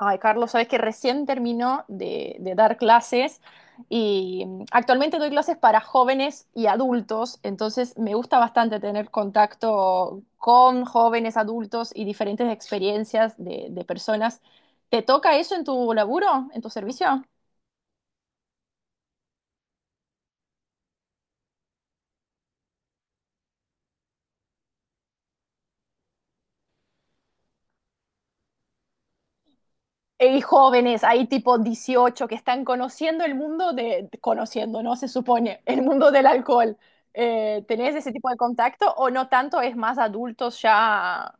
Ay, Carlos, sabes que recién terminó de dar clases y actualmente doy clases para jóvenes y adultos, entonces me gusta bastante tener contacto con jóvenes, adultos y diferentes experiencias de personas. ¿Te toca eso en tu laburo, en tu servicio? Y jóvenes, hay tipo 18 que están conociendo el mundo de, conociendo, ¿no? Se supone, el mundo del alcohol. Tenés ese tipo de contacto o no tanto? Es más adultos ya.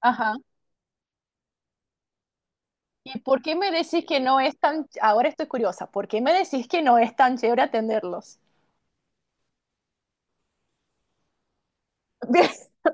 Ajá. ¿Y por qué me decís que no es tan, ahora estoy curiosa, ¿por qué me decís que no es tan chévere atenderlos?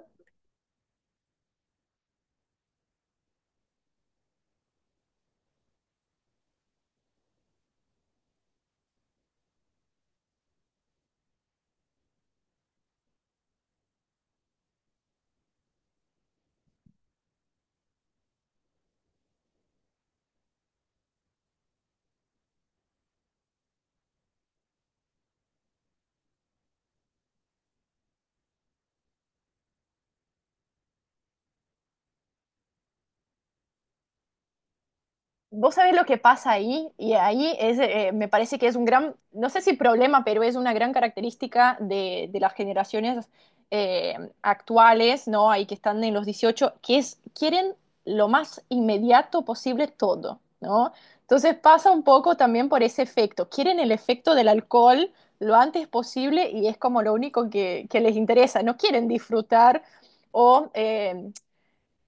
Vos sabés lo que pasa ahí, y ahí es, me parece que es un gran, no sé si problema, pero es una gran característica de las generaciones eh, actuales, ¿no? Ahí que están en los 18 que es, quieren lo más inmediato posible todo, ¿no? Entonces pasa un poco también por ese efecto, quieren el efecto del alcohol lo antes posible y es como lo único que les interesa, no quieren disfrutar o... eh,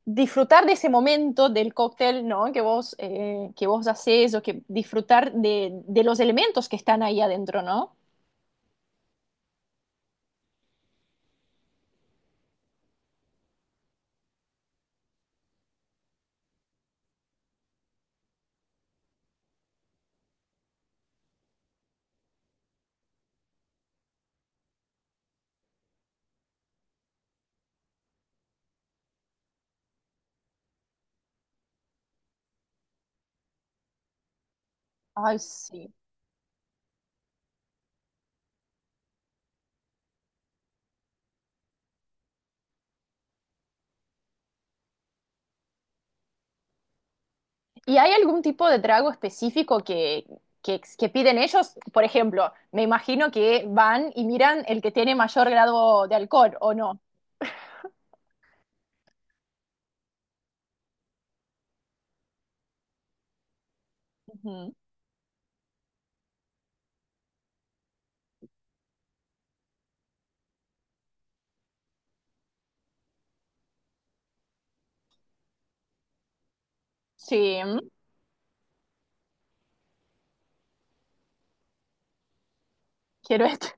disfrutar de ese momento del cóctel, ¿no? Que vos haces o que disfrutar de los elementos que están ahí adentro, ¿no? Ay, sí. ¿Y hay algún tipo de trago específico que piden ellos? Por ejemplo, me imagino que van y miran el que tiene mayor grado de alcohol, ¿o no? Ujú. Sí, quiero este.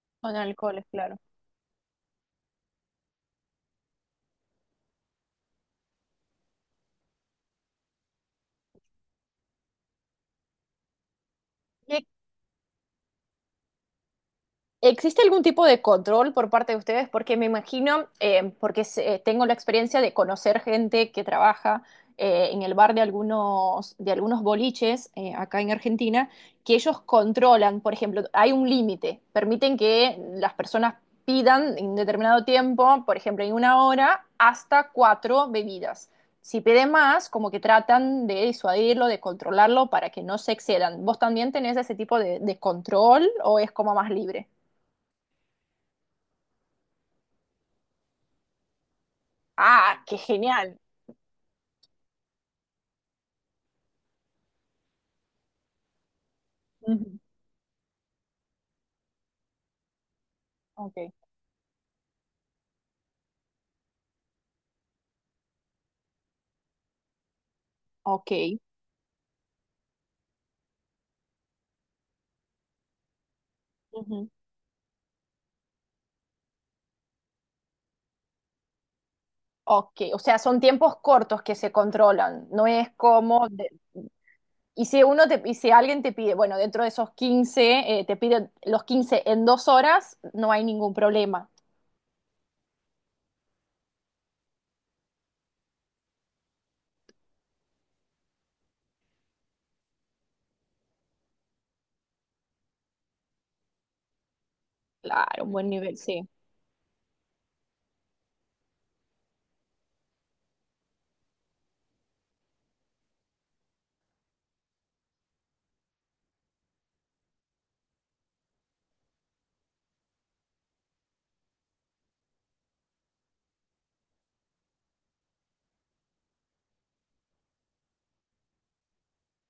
Con alcohol, claro. ¿Existe algún tipo de control por parte de ustedes? Porque me imagino, tengo la experiencia de conocer gente que trabaja en el bar de algunos boliches acá en Argentina, que ellos controlan, por ejemplo, hay un límite, permiten que las personas pidan en determinado tiempo, por ejemplo, en una hora, hasta cuatro bebidas. Si pide más, como que tratan de disuadirlo, de controlarlo para que no se excedan. ¿Vos también tenés ese tipo de control o es como más libre? Ah, qué genial. Ujú. Ok, ok. Ujú. Ok, o sea, son tiempos cortos que se controlan, no es como de- Y si uno te, y si alguien te pide, bueno, dentro de esos 15 te piden los 15 en dos horas, no hay ningún problema. Claro, un buen nivel, sí.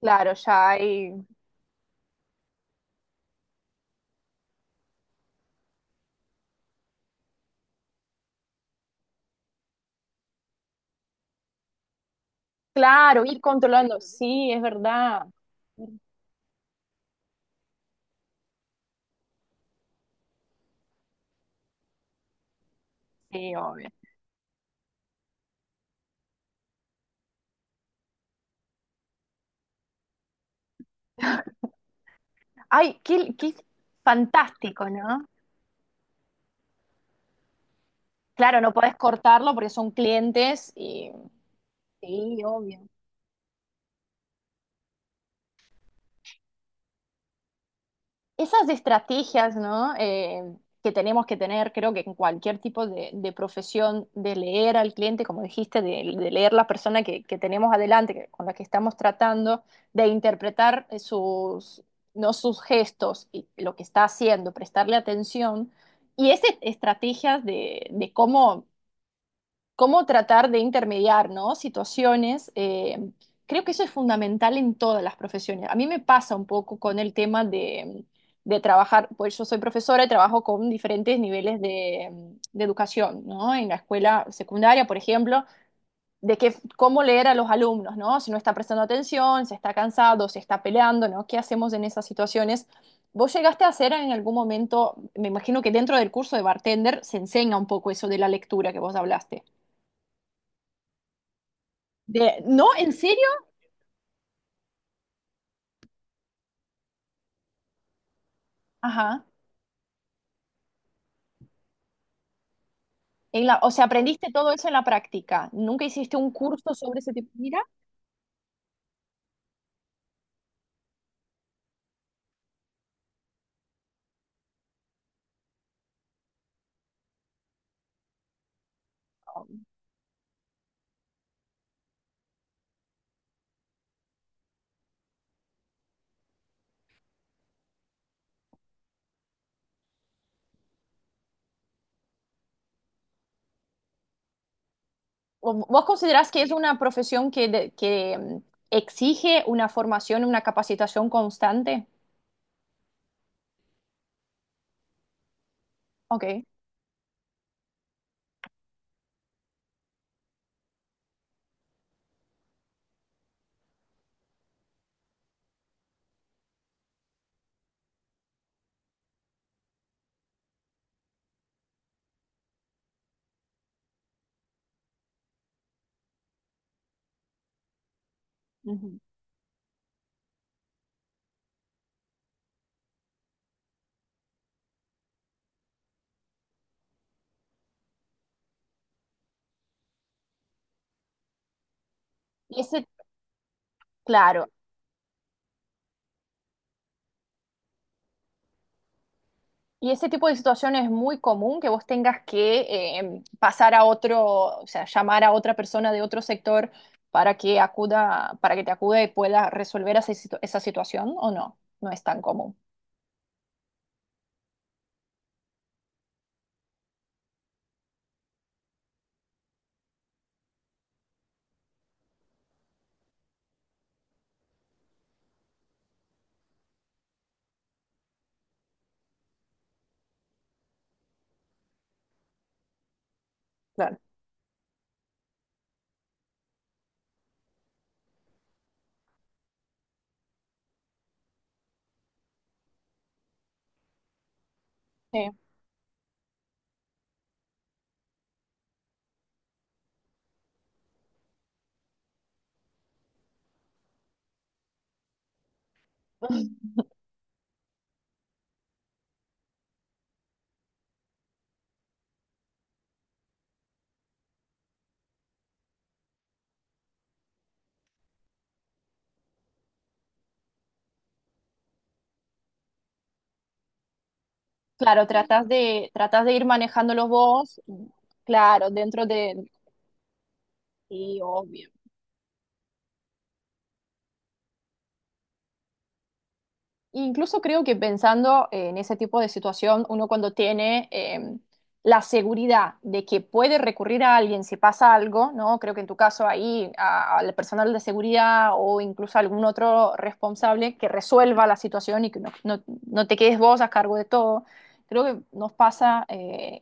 Claro, ya hay. Claro, ir controlando. Sí, es verdad. Sí, obvio. Ay, qué, qué fantástico, ¿no? Claro, no podés cortarlo porque son clientes y sí, obvio. Esas estrategias, ¿no? Que tenemos que tener, creo que en cualquier tipo de profesión, de leer al cliente, como dijiste, de leer la persona que tenemos adelante, que- con la que estamos tratando, de interpretar no sus gestos y lo que está haciendo, prestarle atención. Y esas estrategias de cómo cómo tratar de intermediar, ¿no? Situaciones. Creo que eso es fundamental en todas las profesiones. A mí me pasa un poco con el tema de trabajar, pues yo soy profesora y trabajo con diferentes niveles de educación, ¿no? En la escuela secundaria, por ejemplo, de que, cómo leer a los alumnos, ¿no? Si no está prestando atención, si está cansado, si está peleando, ¿no? ¿Qué hacemos en esas situaciones? ¿Vos llegaste a hacer en algún momento, me imagino que dentro del curso de bartender se enseña un poco eso de la lectura que vos hablaste? De, no, ¿en serio? Ajá. En la, o sea, aprendiste todo eso en la práctica. ¿Nunca hiciste un curso sobre ese tipo? Mira, ¿o ¿vos considerás que es una profesión que, exige una formación, una capacitación constante? Ok. Ujú. Y ese, claro, y ese tipo de situación es muy común que vos tengas que pasar a otro, o sea, llamar a otra persona de otro sector para que acuda, para que te acuda y pueda resolver esa, situ- esa situación, ¿o no? No es tan común. Claro. Sí, claro, tratas de ir manejándolos vos, claro, dentro de... Sí, obvio. Incluso creo que pensando en ese tipo de situación, uno cuando tiene la seguridad de que puede recurrir a alguien si pasa algo, ¿no? Creo que en tu caso ahí a- al personal de seguridad o incluso algún otro responsable que resuelva la situación y que no, no- no te quedes vos a cargo de todo. Creo que nos pasa,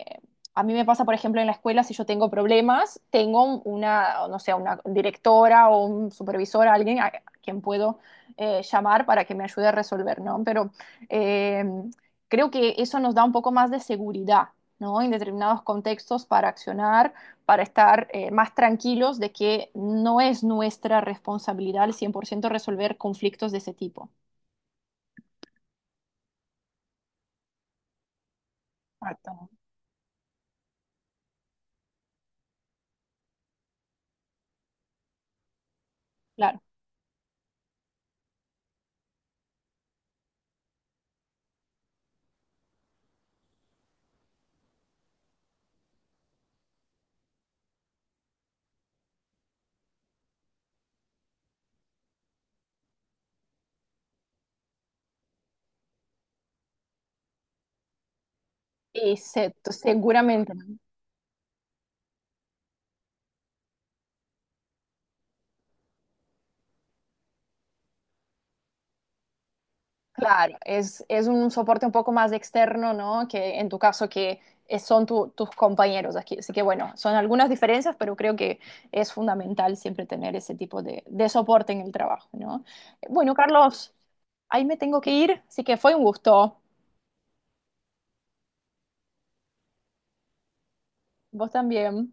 a mí me pasa, por ejemplo, en la escuela, si yo tengo problemas, tengo una, no sé, una directora o un supervisor, alguien a quien puedo llamar para que me ayude a resolver, ¿no? Pero eh, creo que eso nos da un poco más de seguridad, ¿no? En determinados contextos para accionar, para estar más tranquilos de que no es nuestra responsabilidad al 100% resolver conflictos de ese tipo. Exacto. Claro. Exacto, seguramente. ¿No? Claro, es un soporte un poco más externo, ¿no? Que en tu caso que es- son tu- tus compañeros aquí. Así que bueno, son algunas diferencias, pero creo que es fundamental siempre tener ese tipo de soporte en el trabajo, ¿no? Bueno, Carlos, ahí me tengo que ir, así que fue un gusto. Vos también.